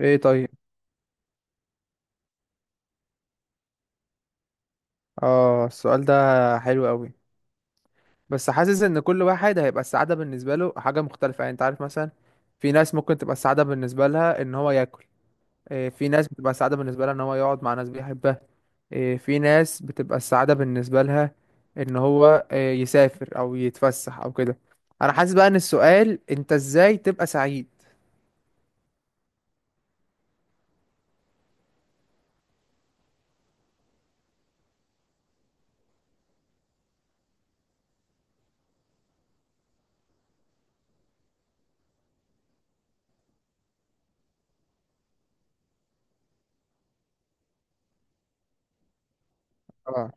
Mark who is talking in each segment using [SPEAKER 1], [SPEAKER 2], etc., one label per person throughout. [SPEAKER 1] ايه، طيب. اه، السؤال ده حلو قوي. بس حاسس ان كل واحد هيبقى السعادة بالنسبة له حاجة مختلفة، يعني انت عارف مثلا في ناس ممكن تبقى السعادة بالنسبة لها ان هو ياكل. إيه، في ناس بتبقى السعادة بالنسبة لها ان هو يقعد مع ناس بيحبها. إيه، في ناس بتبقى السعادة بالنسبة لها ان هو إيه يسافر او يتفسح او كده. انا حاسس بقى ان السؤال انت ازاي تبقى سعيد. اه،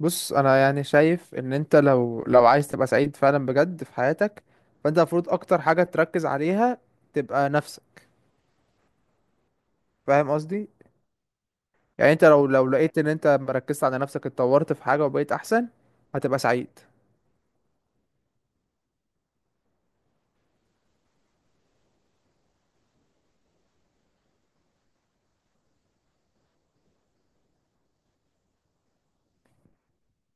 [SPEAKER 1] بص. انا يعني شايف ان انت لو عايز تبقى سعيد فعلا بجد في حياتك، فانت المفروض اكتر حاجة تركز عليها تبقى نفسك. فاهم قصدي؟ يعني انت لو لقيت ان انت مركزت على نفسك اتطورت في حاجة وبقيت احسن، هتبقى سعيد.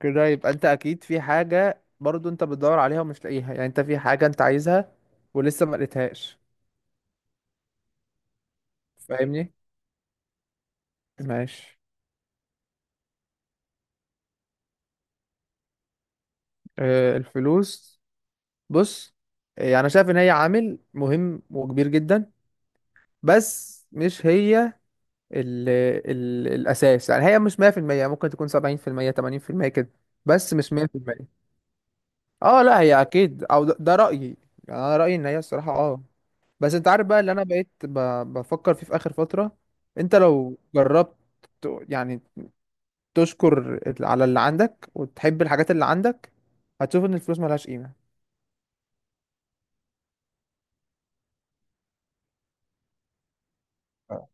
[SPEAKER 1] كده يبقى انت اكيد في حاجة برضو انت بتدور عليها ومش لاقيها، يعني انت في حاجة انت عايزها ولسه ما لقيتهاش. فاهمني؟ ماشي. آه، الفلوس. بص. آه، يعني انا شايف ان هي عامل مهم وكبير جدا، بس مش هي ال ال الاساس. يعني هي مش 100%. ممكن تكون 70% 80% كده. بس مش 100%. اه لا هي اكيد او ده رايي. يعني انا رايي ان هي الصراحه اه. بس انت عارف بقى اللي انا بقيت بفكر فيه في اخر فتره. انت لو جربت يعني تشكر على اللي عندك وتحب الحاجات اللي عندك، هتشوف ان الفلوس ملهاش قيمه. آه.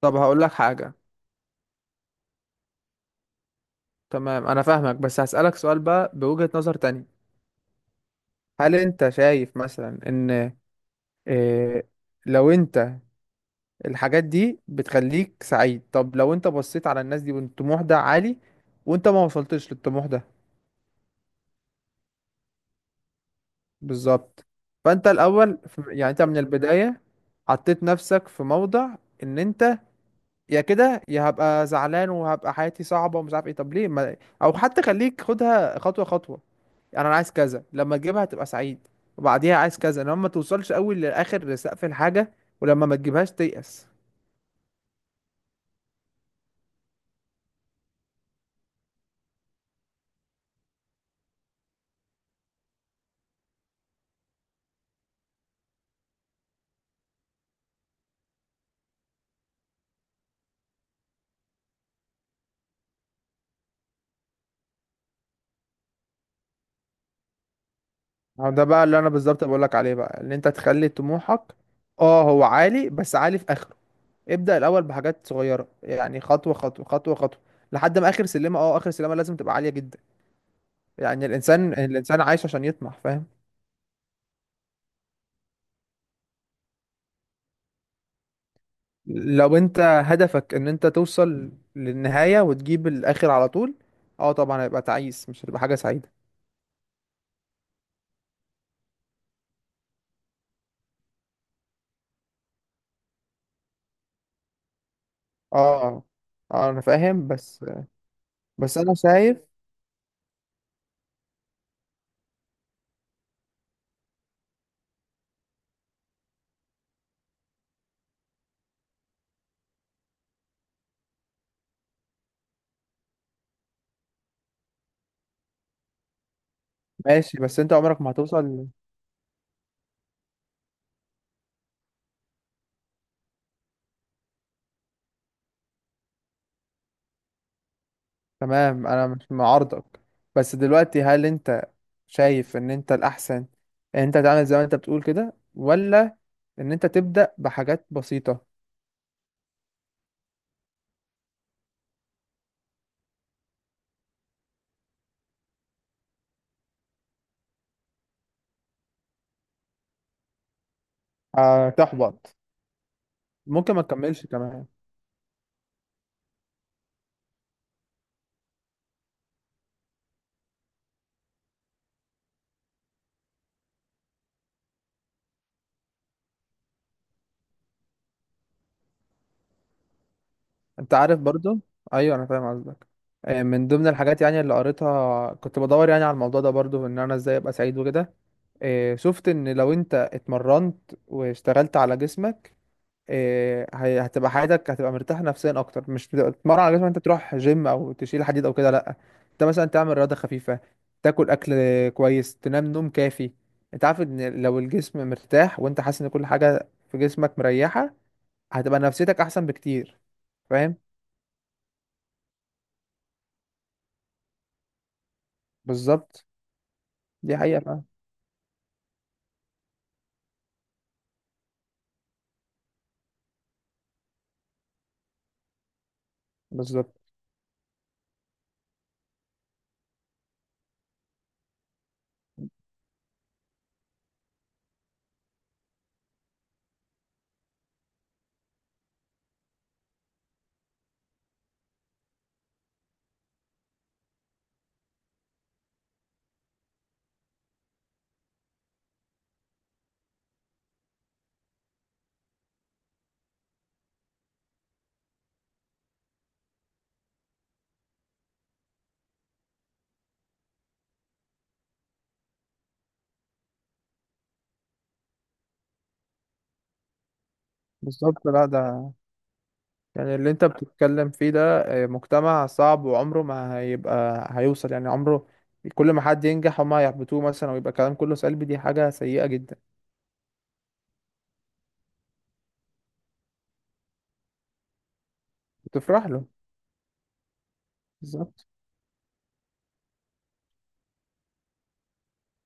[SPEAKER 1] طب هقول لك حاجه. تمام انا فاهمك، بس هسالك سؤال بقى بوجهه نظر تانية. هل انت شايف مثلا ان إيه لو انت الحاجات دي بتخليك سعيد، طب لو انت بصيت على الناس دي والطموح ده عالي وانت ما وصلتش للطموح ده. بالظبط. فانت الاول يعني انت من البداية حطيت نفسك في موضع ان انت يا كده يا هبقى زعلان وهبقى حياتي صعبة ومش عارف ايه. طب ليه ما... او حتى خليك خدها خطوة خطوة. يعني انا عايز كذا لما تجيبها هتبقى سعيد، وبعديها عايز كذا، انما ما توصلش قوي لاخر سقف الحاجة، ولما ما تجيبهاش تيأس. أهو ده بقى اللي انا بالظبط بقول لك عليه، بقى ان انت تخلي طموحك اه هو عالي بس عالي في اخره. ابدأ الاول بحاجات صغيرة، يعني خطوة خطوة خطوة خطوة لحد ما اخر سلمة. اه، اخر سلمة لازم تبقى عالية جدا. يعني الانسان عايش عشان يطمح. فاهم؟ لو انت هدفك ان انت توصل للنهاية وتجيب الاخر على طول، اه طبعا هيبقى تعيس، مش هتبقى حاجة سعيدة. اه اه، انا فاهم بس انا شايف. ماشي. بس انت عمرك ما هتوصل. تمام انا مش معارضك، بس دلوقتي هل انت شايف ان انت الاحسن ان انت تعمل زي ما انت بتقول كده، ولا ان انت تبدأ بحاجات بسيطة؟ هتحبط. ممكن ما تكملش كمان. انت عارف برضو، ايوه انا فاهم قصدك. آه، من ضمن الحاجات يعني اللي قريتها كنت بدور يعني على الموضوع ده برضو ان انا ازاي ابقى سعيد وكده. آه، شفت ان لو انت اتمرنت واشتغلت على جسمك إيه، هتبقى حياتك هتبقى مرتاح نفسيا اكتر. مش بتبقى تتمرن على جسمك انت تروح جيم او تشيل حديد او كده، لا. انت مثلا تعمل رياضه خفيفه، تاكل اكل كويس، تنام نوم كافي. انت عارف ان لو الجسم مرتاح وانت حاسس ان كل حاجه في جسمك مريحه، هتبقى نفسيتك احسن بكتير. فاهم؟ بالظبط. دي حقيقه، فاهم؟ بالظبط. بالظبط، لا ده يعني اللي انت بتتكلم فيه ده آه، مجتمع صعب وعمره ما هيبقى هيوصل يعني عمره. كل ما حد ينجح هما يحبطوه مثلا ويبقى كلام كله سلبي، دي حاجة سيئة جدا. بتفرح له. بالظبط.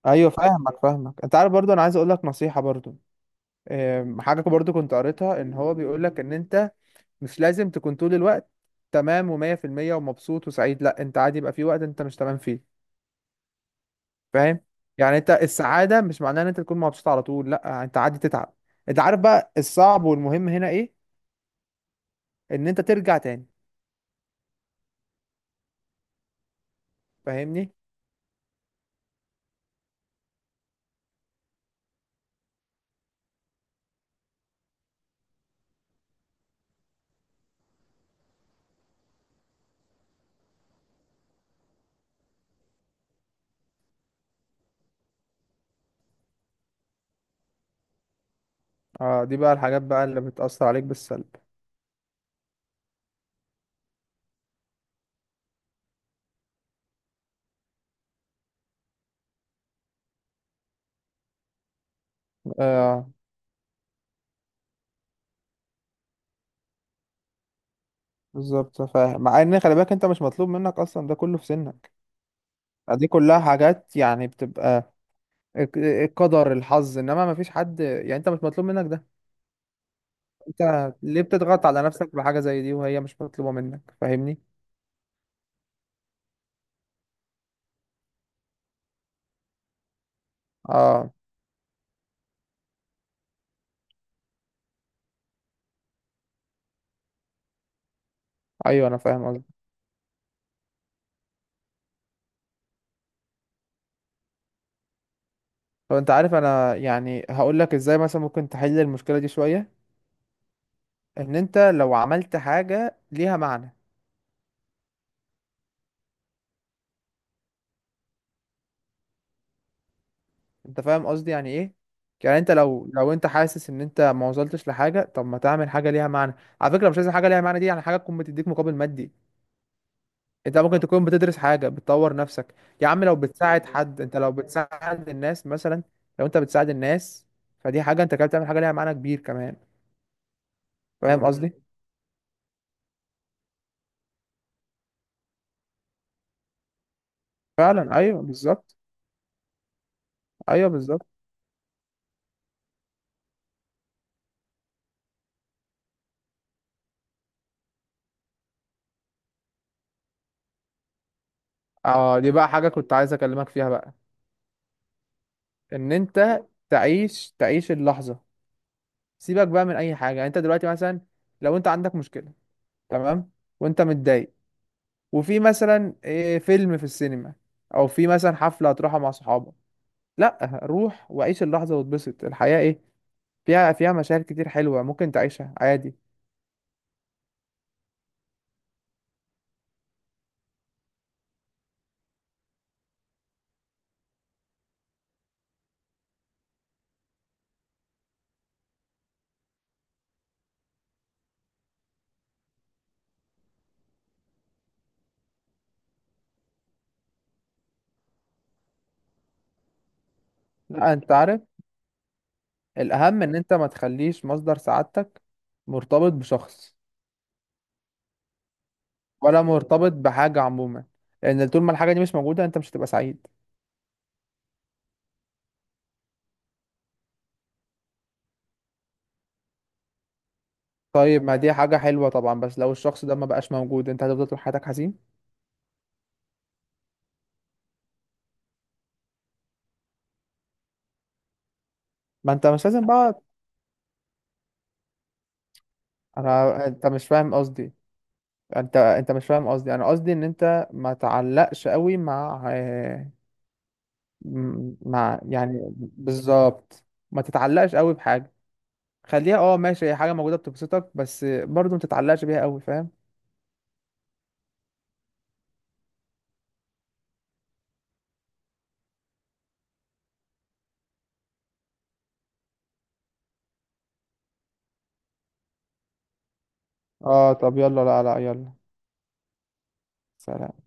[SPEAKER 1] ايوه، فاهمك فاهمك. انت عارف برضو، انا عايز اقول لك نصيحة برضو. آم، حاجة برضو كنت قريتها ان هو بيقول لك ان انت مش لازم تكون طول الوقت تمام ومية في المية ومبسوط وسعيد. لا انت عادي، يبقى في وقت انت مش تمام فيه. فاهم؟ يعني انت السعاده مش معناها ان انت تكون مبسوط على طول، لا انت عادي تتعب. انت عارف بقى الصعب والمهم هنا ايه؟ ان انت ترجع تاني. فاهمني؟ اه، دي بقى الحاجات بقى اللي بتأثر عليك بالسلب. اه بالظبط، فاهم. مع ان خلي بالك انت مش مطلوب منك اصلا ده كله في سنك. دي كلها حاجات يعني بتبقى القدر الحظ، انما ما فيش حد، يعني انت مش مطلوب منك ده. انت ليه بتضغط على نفسك بحاجة زي دي وهي مش مطلوبة منك؟ فاهمني؟ اه، ايوه انا فاهم قصدك. هو انت عارف انا يعني هقول لك ازاي مثلا ممكن تحل المشكله دي شويه، ان انت لو عملت حاجه ليها معنى. انت فاهم قصدي يعني ايه؟ يعني انت لو انت حاسس ان انت ما وصلتش لحاجه، طب ما تعمل حاجه ليها معنى. على فكره مش لازم حاجه ليها معنى دي يعني حاجه تكون بتديك مقابل مادي. انت ممكن تكون بتدرس حاجه بتطور نفسك. يا عم لو بتساعد حد، انت لو بتساعد الناس مثلا، لو انت بتساعد الناس فدي حاجه انت كده بتعمل حاجه ليها معنى كبير كمان. فاهم قصدي؟ فعلا، ايوه بالظبط. ايوه بالظبط. اه، دي بقى حاجة كنت عايز اكلمك فيها بقى، ان انت تعيش اللحظة. سيبك بقى من اي حاجة. يعني انت دلوقتي مثلا لو انت عندك مشكلة، تمام، وانت متضايق، وفي مثلا إيه، فيلم في السينما، او في مثلا حفلة هتروحها مع صحابك، لا روح وعيش اللحظة واتبسط. الحياة ايه فيها مشاعر كتير حلوة ممكن تعيشها عادي. لا انت عارف الاهم ان انت ما تخليش مصدر سعادتك مرتبط بشخص، ولا مرتبط بحاجة عموما، لان طول ما الحاجة دي مش موجودة انت مش هتبقى سعيد. طيب ما دي حاجة حلوة طبعا، بس لو الشخص ده ما بقاش موجود انت هتفضل طول حياتك حزين. ما انت مش لازم بقى. انت مش فاهم قصدي. انت مش فاهم قصدي. انا قصدي ان انت ما تعلقش قوي مع آه، مع يعني بالظبط. ما تتعلقش قوي بحاجة. خليها اه ماشي، هي حاجة موجودة بتبسطك، بس برضو ما تتعلقش بيها قوي. فاهم؟ اه، طب يلا. لا لا، يلا. سلام.